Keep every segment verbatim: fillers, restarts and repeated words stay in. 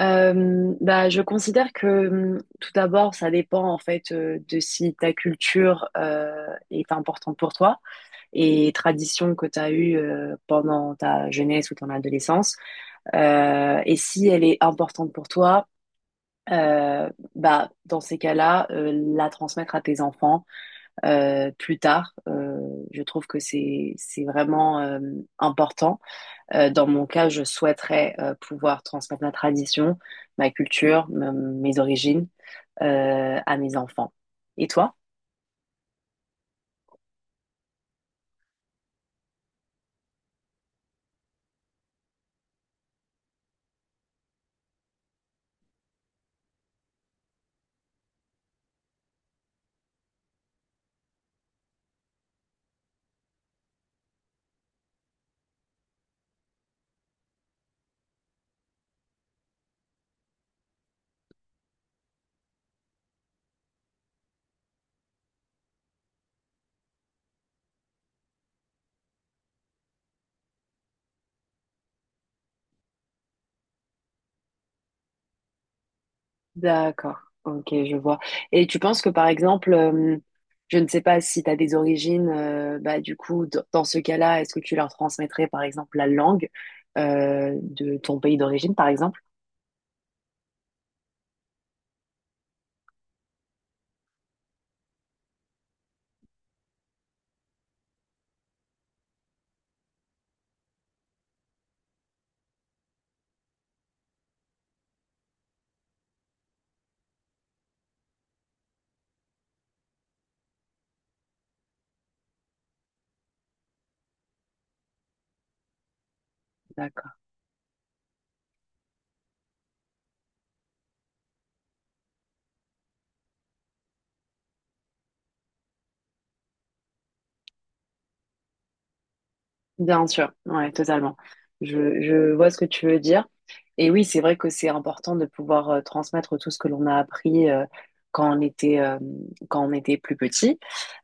Euh, bah, je considère que hum, tout d'abord, ça dépend en fait euh, de si ta culture euh, est importante pour toi et tradition que tu as eue euh, pendant ta jeunesse ou ton adolescence. Euh, et si elle est importante pour toi, euh, bah, dans ces cas-là, euh, la transmettre à tes enfants euh, plus tard, euh, je trouve que c'est c'est vraiment euh, important. Euh, dans mon cas, je souhaiterais euh, pouvoir transmettre ma tradition, ma culture, me- mes origines euh, à mes enfants. Et toi? D'accord, ok, je vois. Et tu penses que par exemple, euh, je ne sais pas si tu as des origines, euh, bah, du coup, d- dans ce cas-là, est-ce que tu leur transmettrais par exemple la langue euh, de ton pays d'origine, par exemple? D'accord. Bien sûr, ouais, totalement. Je, je vois ce que tu veux dire. Et oui, c'est vrai que c'est important de pouvoir euh, transmettre tout ce que l'on a appris euh, quand on était, euh, quand on était plus petit.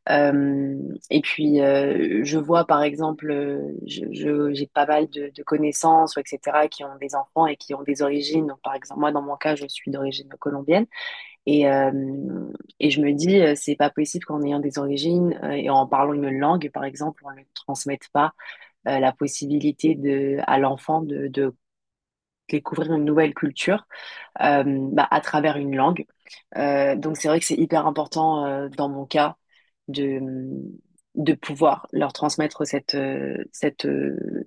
Euh, et puis, euh, je vois par exemple, euh, je, je- j'ai pas mal de, de connaissances, ou et cetera, qui ont des enfants et qui ont des origines. Donc, par exemple, moi, dans mon cas, je suis d'origine colombienne. Et, euh, et je me dis, euh, c'est pas possible qu'en ayant des origines euh, et en parlant une langue, par exemple, on ne le transmette pas euh, la possibilité de, à l'enfant de, de découvrir une nouvelle culture euh, bah, à travers une langue. Euh, donc c'est vrai que c'est hyper important euh, dans mon cas de, de pouvoir leur transmettre cette, euh, cette, euh,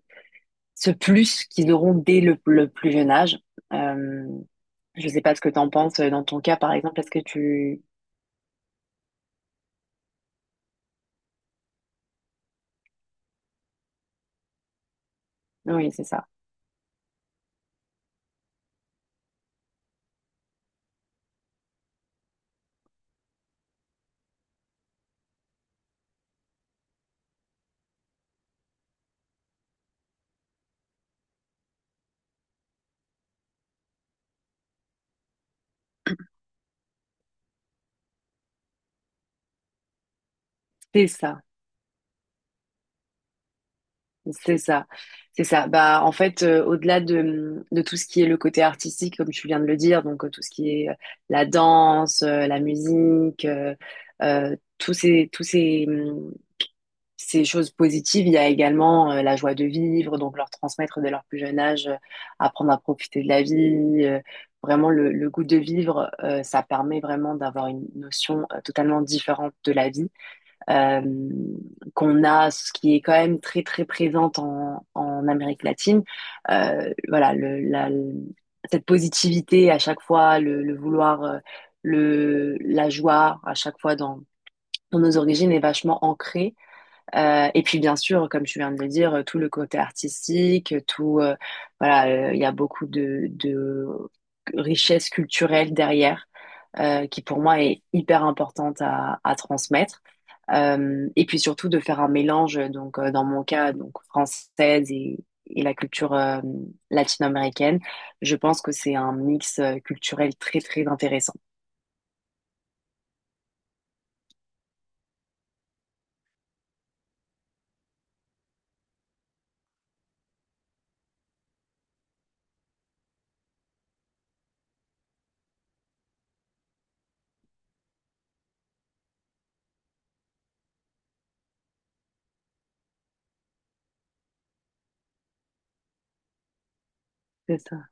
ce plus qu'ils auront dès le, le plus jeune âge. Euh, je sais pas ce que tu en penses euh, dans ton cas, par exemple. Est-ce que tu... Oui, c'est ça. C'est ça. C'est ça, c'est ça. Bah, en fait, euh, au-delà de, de tout ce qui est le côté artistique, comme tu viens de le dire, donc euh, tout ce qui est euh, la danse, euh, la musique, euh, euh, tous ces, tous ces, hum, ces choses positives, il y a également euh, la joie de vivre, donc leur transmettre dès leur plus jeune âge, euh, apprendre à profiter de la vie. Euh, vraiment, le, le goût de vivre, euh, ça permet vraiment d'avoir une notion euh, totalement différente de la vie euh, qu'on a, ce qui est quand même très très présente en, en Amérique latine. Euh, voilà, le, la, le- cette positivité à chaque fois, le, le vouloir, euh, le, la joie à chaque fois dans, dans nos origines est vachement ancrée. Euh, et puis bien sûr, comme tu viens de le dire, euh, tout le côté artistique, tout, euh, voilà, euh, il y a beaucoup de, de richesse culturelle derrière. Euh, qui pour moi est hyper importante à, à transmettre. Euh, et puis surtout de faire un mélange, donc euh, dans mon cas, donc française et, et la culture euh, latino-américaine. Je pense que c'est un mix euh, culturel très très intéressant. C'est ça.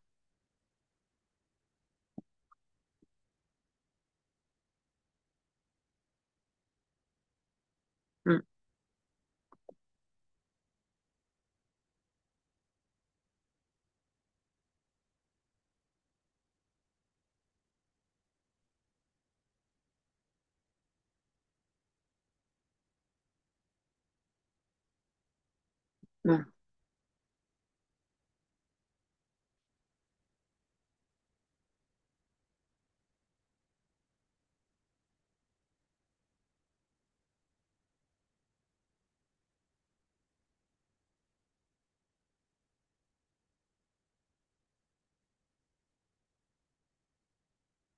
Mm, mm,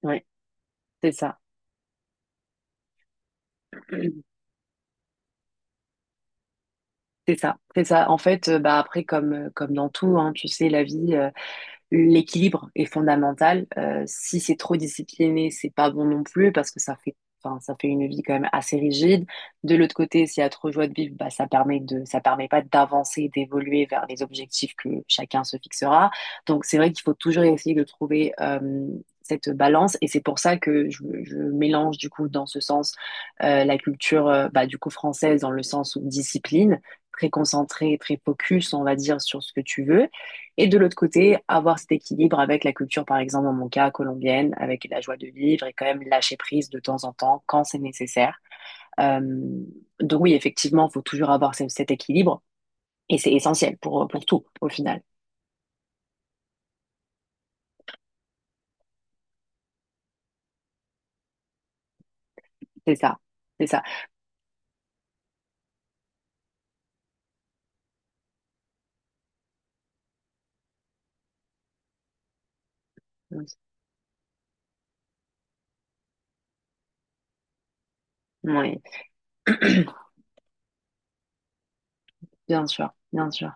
ouais, c'est ça. C'est ça, c'est ça. En fait, euh, bah après, comme, euh, comme dans tout, hein, tu sais, la vie, euh, l'équilibre est fondamental. Euh, si c'est trop discipliné, c'est pas bon non plus parce que ça fait, enfin, ça fait une vie quand même assez rigide. De l'autre côté, s'il y a trop joie de vivre, bah, ça permet de, ça permet pas d'avancer, d'évoluer vers les objectifs que chacun se fixera. Donc, c'est vrai qu'il faut toujours essayer de trouver euh, cette balance et c'est pour ça que je, je mélange du coup dans ce sens euh, la culture euh, bah, du coup française dans le sens où discipline très concentré, très focus, on va dire, sur ce que tu veux, et de l'autre côté, avoir cet équilibre avec la culture, par exemple, dans mon cas, colombienne, avec la joie de vivre et quand même lâcher prise de temps en temps quand c'est nécessaire. Euh, donc oui, effectivement, il faut toujours avoir ce- cet équilibre et c'est essentiel pour, pour tout, au final. C'est ça, c'est ça. Oui, bien sûr, bien sûr,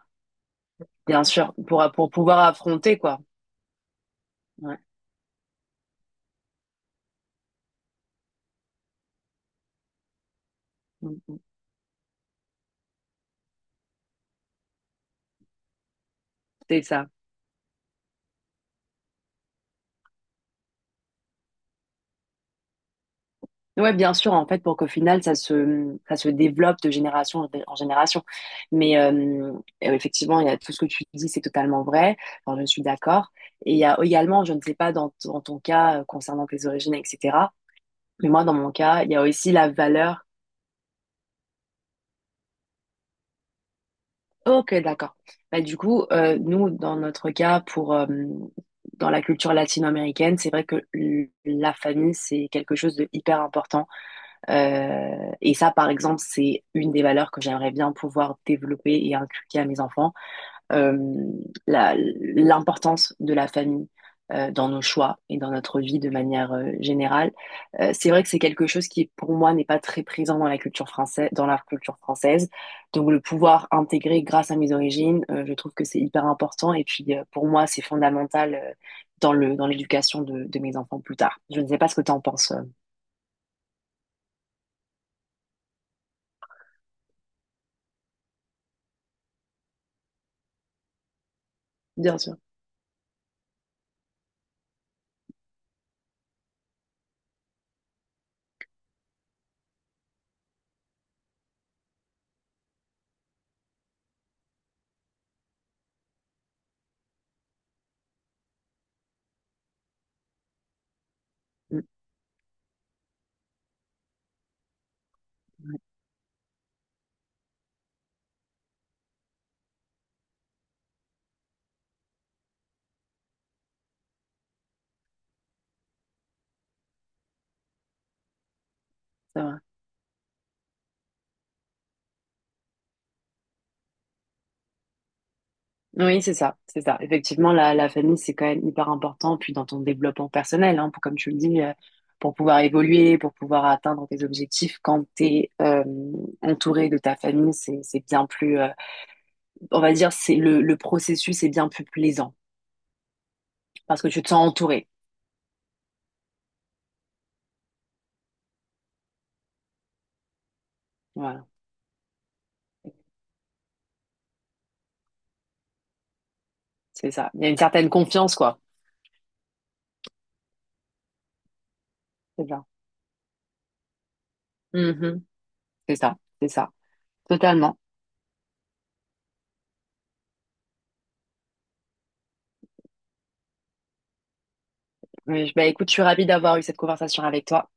bien sûr, pour, pour pouvoir affronter, quoi. Ouais, c'est ça. Ouais, bien sûr, en fait, pour qu'au final, ça se, ça se développe de génération en génération. Mais euh, euh, effectivement, il y a tout ce que tu dis, c'est totalement vrai. Enfin, je suis d'accord. Et il y a également, je ne sais pas dans, t- dans ton cas euh, concernant tes origines, et cetera. Mais moi, dans mon cas, il y a aussi la valeur. Ok, d'accord. Bah, du coup, euh, nous, dans notre cas, pour, euh, dans la culture latino-américaine, c'est vrai que l- la famille, c'est quelque chose de hyper important. Euh, et ça, par exemple, c'est une des valeurs que j'aimerais bien pouvoir développer et inculquer à mes enfants, euh, la- l'importance de la famille euh, dans nos choix et dans notre vie de manière euh, générale. Euh, c'est vrai que c'est quelque chose qui, pour moi, n'est pas très présent dans la culture française, dans la culture française. Donc, le pouvoir intégrer grâce à mes origines, euh, je trouve que c'est hyper important. Et puis, euh, pour moi, c'est fondamental euh, dans le, dans l'éducation de, de mes enfants plus tard. Je ne sais pas ce que tu en penses. euh. Bien sûr. Mm, ouais, c'est vrai. Oui, c'est ça, c'est ça. Effectivement, la, la famille, c'est quand même hyper important, puis dans ton développement personnel, hein, pour, comme tu le dis, euh, pour pouvoir évoluer, pour pouvoir atteindre tes objectifs, quand t'es es entouré de ta famille, c'est, c'est bien plus, euh, on va dire, c'est le, le processus est bien plus plaisant, parce que tu te sens entouré. Voilà, c'est ça. Il y a une certaine confiance, quoi. C'est ça. Mhm. C'est ça, c'est ça. Totalement. Oui, je- bah, écoute, je suis ravie d'avoir eu cette conversation avec toi.